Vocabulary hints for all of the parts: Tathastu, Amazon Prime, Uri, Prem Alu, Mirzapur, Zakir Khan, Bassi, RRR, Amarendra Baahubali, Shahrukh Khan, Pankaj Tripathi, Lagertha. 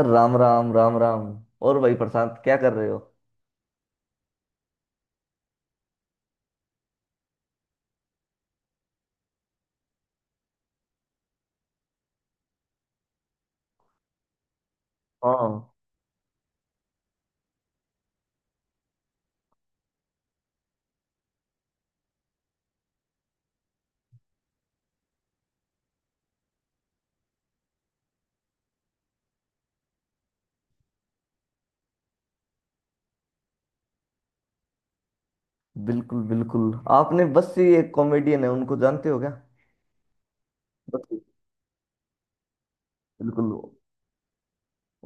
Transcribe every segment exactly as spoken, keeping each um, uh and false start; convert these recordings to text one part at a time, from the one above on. अरे राम राम राम राम। और भाई प्रशांत, क्या कर रहे हो? हाँ, बिल्कुल बिल्कुल। आपने बस, ये एक कॉमेडियन है, उनको जानते हो क्या? बस, बिल्कुल।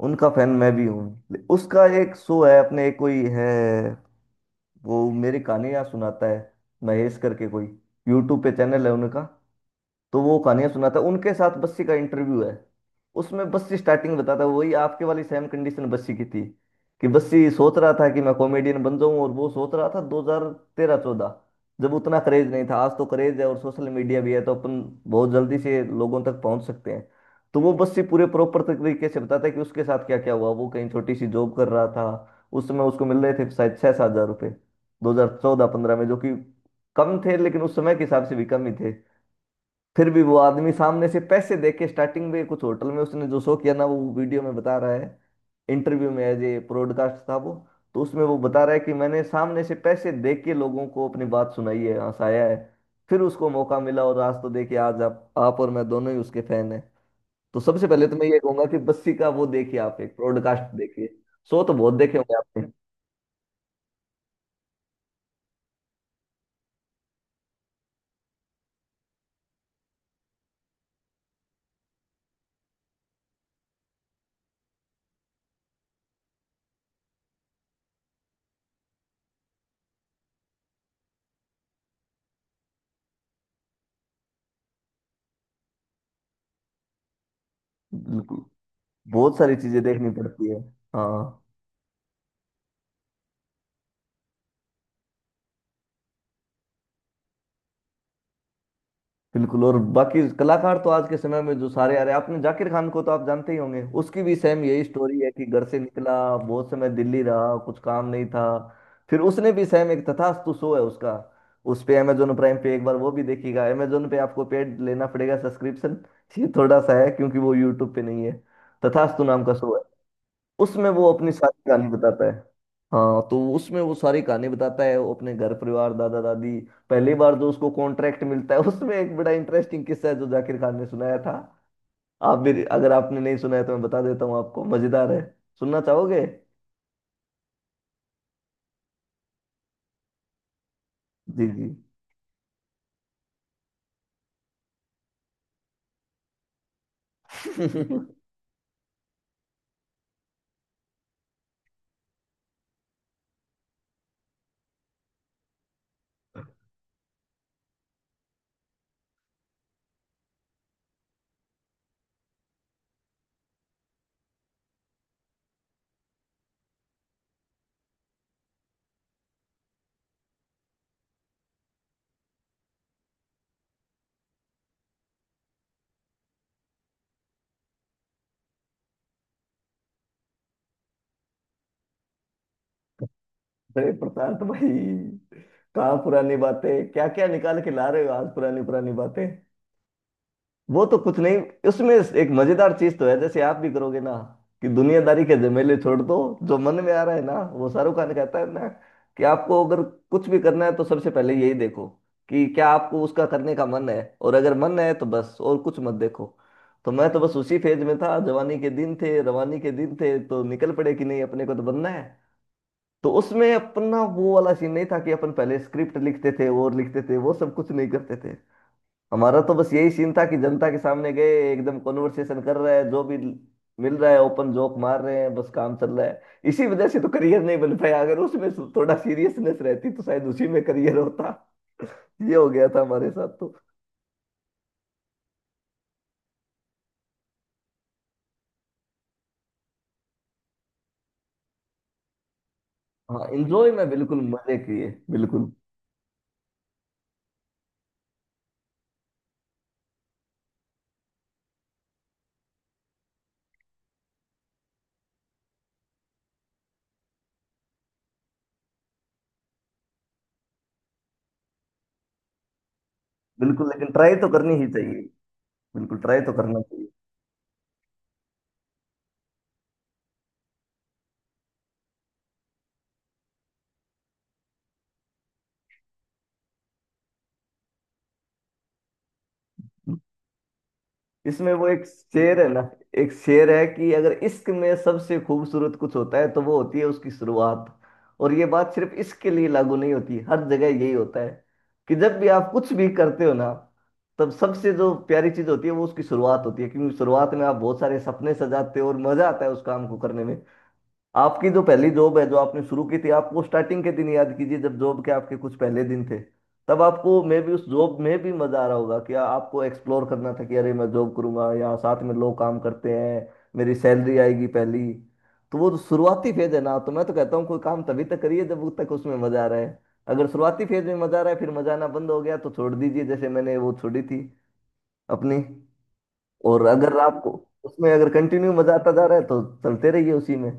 उनका फैन मैं भी हूँ। उसका एक शो है, अपने एक कोई है, वो मेरी कहानियां सुनाता है, महेश करके कोई, यूट्यूब पे चैनल है उनका। तो वो कहानियां सुनाता है, उनके साथ बस्सी का इंटरव्यू है। उसमें बस्सी स्टार्टिंग बताता है, वही आपके वाली सेम कंडीशन बस्सी की थी, कि बस्सी सोच रहा था कि मैं कॉमेडियन बन जाऊं। और वो सोच रहा था दो हज़ार तेरह-चौदह, जब उतना क्रेज नहीं था। आज तो क्रेज है और सोशल मीडिया भी है, तो अपन बहुत जल्दी से लोगों तक पहुंच सकते हैं। तो वो बस्सी पूरे प्रॉपर तरीके से बताता है कि उसके साथ क्या क्या हुआ। वो कहीं छोटी सी जॉब कर रहा था, उस समय उसको मिल रहे थे शायद छः सात हजार रुपये, दो हजार चौदह पंद्रह में, जो कि कम थे, लेकिन उस समय के हिसाब से भी कम ही थे। फिर भी वो आदमी सामने से पैसे दे के स्टार्टिंग में कुछ होटल में उसने जो शो किया ना, वो वीडियो में बता रहा है, इंटरव्यू में, एज ए ब्रॉडकास्ट था वो। तो उसमें वो बता रहा है कि मैंने सामने से पैसे दे के लोगों को अपनी बात सुनाई है, हंसाया है। फिर उसको मौका मिला, और आज तो देखिए, आज आप आप और मैं दोनों ही उसके फैन हैं। तो सबसे पहले तो मैं ये कहूंगा कि बस्सी का वो देखिए, आप एक ब्रॉडकास्ट देखिए, शो तो बहुत देखे होंगे आपने। बिल्कुल, बहुत सारी चीजें देखनी पड़ती है। हाँ, बिल्कुल। और बाकी कलाकार तो आज के समय में जो सारे आ रहे हैं, आपने जाकिर खान को तो आप जानते ही होंगे, उसकी भी सेम यही स्टोरी है कि घर से निकला, बहुत समय दिल्ली रहा, कुछ काम नहीं था। फिर उसने भी सेम, एक तथास्तु शो है उसका, उस पे अमेजोन प्राइम पे एक बार वो भी देखिएगा। अमेजोन पे आपको पेड लेना पड़ेगा सब्सक्रिप्शन, ये थोड़ा सा है, क्योंकि वो यूट्यूब पे नहीं है। तथास्तु नाम का शो है, उसमें वो अपनी सारी कहानी बताता है। हाँ, तो उसमें वो सारी कहानी बताता है, वो अपने घर परिवार, दादा दादी, पहली बार जो उसको कॉन्ट्रैक्ट मिलता है उसमें एक बड़ा इंटरेस्टिंग किस्सा है जो जाकिर खान ने सुनाया था। आप भी, अगर आपने नहीं सुनाया तो मैं बता देता हूँ आपको, मजेदार है। सुनना चाहोगे? जी जी। अरे प्रशांत भाई, कहाँ पुरानी बातें क्या क्या निकाल के ला रहे हो आज, पुरानी पुरानी बातें। वो तो कुछ नहीं, उसमें एक मजेदार चीज तो है, जैसे आप भी करोगे ना, कि दुनियादारी के झमेले छोड़ दो, जो मन में आ रहा है ना, वो शाहरुख खान कहता है ना, कि आपको अगर कुछ भी करना है, तो सबसे पहले यही देखो कि क्या आपको उसका करने का मन है, और अगर मन है तो बस, और कुछ मत देखो। तो मैं तो बस उसी फेज में था, जवानी के दिन थे, रवानी के दिन थे, तो निकल पड़े कि नहीं, अपने को तो बनना है। तो उसमें अपना वो वाला सीन नहीं था कि अपन पहले स्क्रिप्ट लिखते थे और लिखते थे, वो सब कुछ नहीं करते थे। हमारा तो बस यही सीन था कि जनता के सामने गए, एकदम कॉन्वर्सेशन कर रहे हैं, जो भी मिल रहा है ओपन जोक मार रहे हैं, बस काम चल रहा है। इसी वजह से तो करियर नहीं बन पाया, अगर उसमें थोड़ा सीरियसनेस रहती तो शायद उसी में करियर होता। ये हो गया था हमारे साथ तो। हाँ, एंजॉय में बिल्कुल मजे किए बिल्कुल। बिल्कुल, लेकिन ट्राई तो करनी ही चाहिए। बिल्कुल, ट्राई तो करना चाहिए। इसमें वो एक शेर है ना, एक शेर है कि अगर इश्क में सबसे खूबसूरत कुछ होता है तो वो होती है उसकी शुरुआत। और ये बात सिर्फ इश्क के लिए लागू नहीं होती, हर जगह यही होता है कि जब भी आप कुछ भी करते हो ना, तब सबसे जो प्यारी चीज होती है वो उसकी शुरुआत होती है, क्योंकि शुरुआत में आप बहुत सारे सपने सजाते हो और मजा आता है उस काम को करने में। आपकी जो पहली जॉब है, जो आपने शुरू की थी, आपको स्टार्टिंग के दिन याद कीजिए, जब जॉब के आपके कुछ पहले दिन थे, तब आपको मे भी उस जॉब में भी मजा आ रहा होगा कि आपको एक्सप्लोर करना था कि अरे मैं जॉब करूंगा, यहाँ साथ में लोग काम करते हैं, मेरी सैलरी आएगी पहली। तो वो जो शुरुआती फेज है ना, तो मैं तो कहता हूँ कोई काम तभी तक करिए जब तक उसमें मजा आ रहा है। अगर शुरुआती फेज में मजा आ रहा है, फिर मजा आना बंद हो गया, तो छोड़ दीजिए, जैसे मैंने वो छोड़ी थी अपनी। और अगर आपको, उसमें अगर कंटिन्यू मजा आता जा रहा है, तो चलते रहिए उसी में।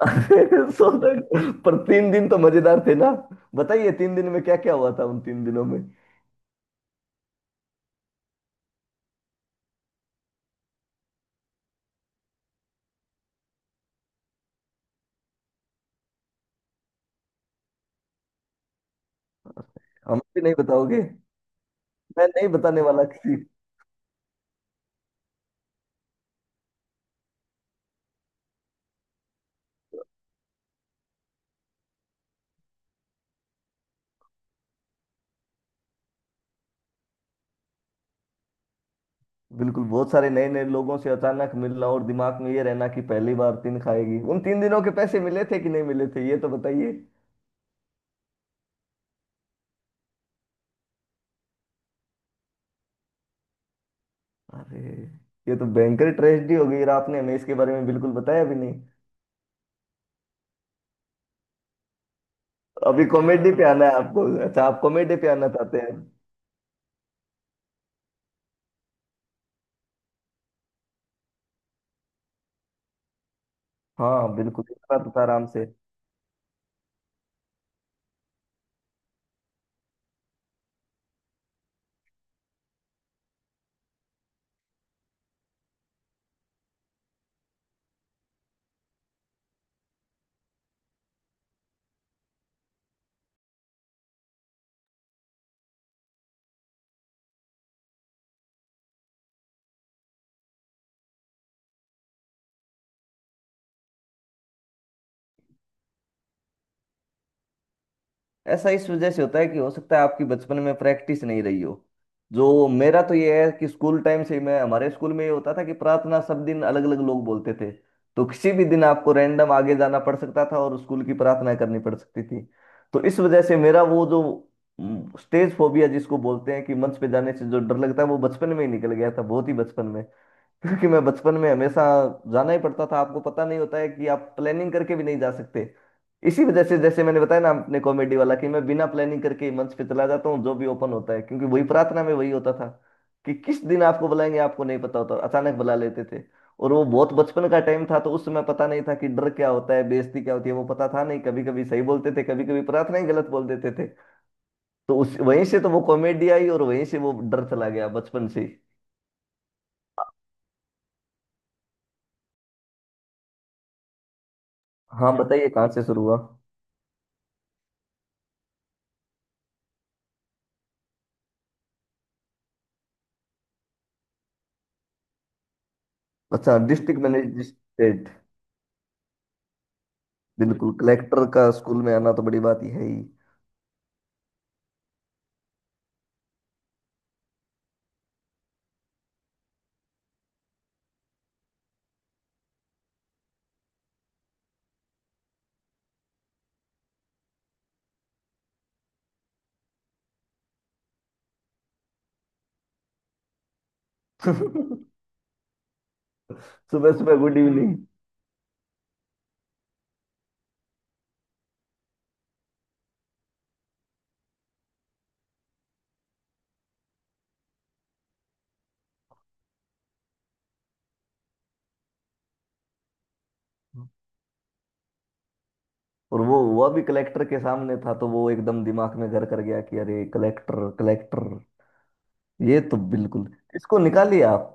सो तक पर तीन दिन तो मजेदार थे ना, बताइए तीन दिन में क्या क्या हुआ था उन तीन दिनों में। हम भी नहीं बताओगे? मैं नहीं बताने वाला किसी। बिल्कुल, बहुत सारे नए नए लोगों से अचानक मिलना, और दिमाग में ये रहना कि पहली बार। तीन खाएगी उन तीन दिनों के पैसे मिले थे कि नहीं मिले थे, ये तो बताइए। अरे, ये तो भयंकर ट्रेजेडी हो गई, और आपने हमें इसके बारे में बिल्कुल बताया भी नहीं। अभी कॉमेडी पे आना है आपको? अच्छा, आप कॉमेडी पे आना चाहते हैं। हाँ बिल्कुल, इतना तो था आराम से। ऐसा इस वजह से होता है कि हो सकता है आपकी बचपन में प्रैक्टिस नहीं रही हो। जो मेरा तो ये है कि स्कूल टाइम से ही मैं, हमारे स्कूल में ये होता था कि प्रार्थना सब दिन अलग अलग लोग बोलते थे। तो किसी भी दिन आपको रैंडम आगे जाना पड़ सकता था और स्कूल की प्रार्थना करनी पड़ सकती थी। तो इस वजह से मेरा वो जो स्टेज फोबिया जिसको बोलते हैं कि मंच पे जाने से जो डर लगता है, वो बचपन में ही निकल गया था, बहुत ही बचपन में। क्योंकि मैं बचपन में हमेशा जाना ही पड़ता था, आपको पता नहीं होता है कि आप प्लानिंग करके भी नहीं जा सकते। इसी वजह से, जैसे मैंने बताया ना अपने कॉमेडी वाला, कि मैं बिना प्लानिंग करके ही मंच पे चला जाता हूँ, जो भी ओपन होता है, क्योंकि वही प्रार्थना में वही होता था कि किस दिन आपको बुलाएंगे आपको नहीं पता होता, और अचानक बुला लेते थे। और वो बहुत बचपन का टाइम था, तो उस समय पता नहीं था कि डर क्या होता है, बेइज्जती क्या होती है, वो पता था नहीं। कभी कभी सही बोलते थे, कभी कभी प्रार्थना ही गलत बोल देते थे। तो उस, वहीं से तो वो कॉमेडी आई, और वहीं से वो डर चला गया, बचपन से ही। हाँ, बताइए कहाँ से शुरू हुआ। अच्छा, डिस्ट्रिक्ट मैजिस्ट्रेट। बिल्कुल, कलेक्टर का स्कूल में आना तो बड़ी बात ही है ही। सुबह सुबह गुड इवनिंग! और वो, वह भी कलेक्टर के सामने था, तो वो एकदम दिमाग में घर कर गया, कि अरे कलेक्टर, कलेक्टर ये तो बिल्कुल, इसको निकालिए आप।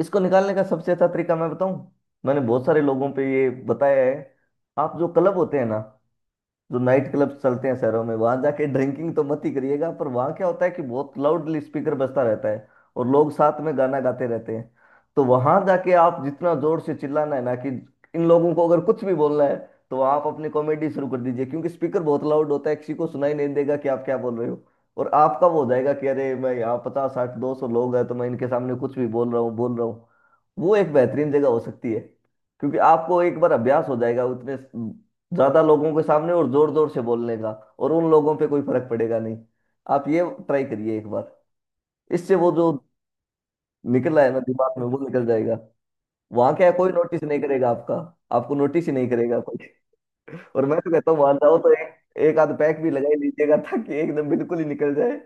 इसको निकालने का सबसे अच्छा तरीका मैं बताऊं। मैंने बहुत सारे लोगों पे ये बताया है। आप जो क्लब होते हैं ना, जो नाइट क्लब्स चलते हैं शहरों में, वहां जाके ड्रिंकिंग तो मत ही करिएगा, पर वहां क्या होता है कि बहुत लाउडली स्पीकर बजता रहता है, और लोग साथ में गाना गाते रहते हैं। तो वहां जाके आप जितना जोर से चिल्लाना है ना, कि इन लोगों को अगर कुछ भी बोलना है, तो आप अपनी कॉमेडी शुरू कर दीजिए, क्योंकि स्पीकर बहुत लाउड होता है, किसी को सुनाई नहीं देगा कि आप क्या बोल रहे हो। और आपका वो हो जाएगा कि अरे मैं यहाँ, पचास साठ दो सौ लोग हैं, तो मैं इनके सामने कुछ भी बोल रहा हूँ बोल रहा हूँ वो एक बेहतरीन जगह हो सकती है, क्योंकि आपको एक बार अभ्यास हो जाएगा उतने ज्यादा लोगों के सामने और जोर जोर से बोलने का। और उन लोगों पे कोई फर्क पड़ेगा नहीं। आप ये ट्राई करिए एक बार। इससे वो जो निकला है ना दिमाग में, वो निकल जाएगा। वहां क्या है, कोई नोटिस नहीं करेगा आपका, आपको नोटिस ही नहीं करेगा कोई। और मैं तो कहता हूँ वहां जाओ तो एक एक आध पैक भी लगा ही लीजिएगा, ताकि एकदम बिल्कुल ही निकल जाए।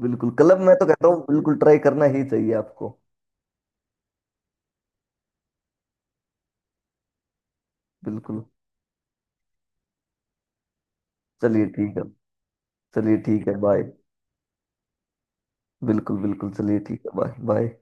बिल्कुल, क्लब में तो कहता हूँ बिल्कुल ट्राई करना ही चाहिए आपको। बिल्कुल, चलिए ठीक है। चलिए ठीक है, बाय। बिल्कुल बिल्कुल, चलिए ठीक है, बाय बाय।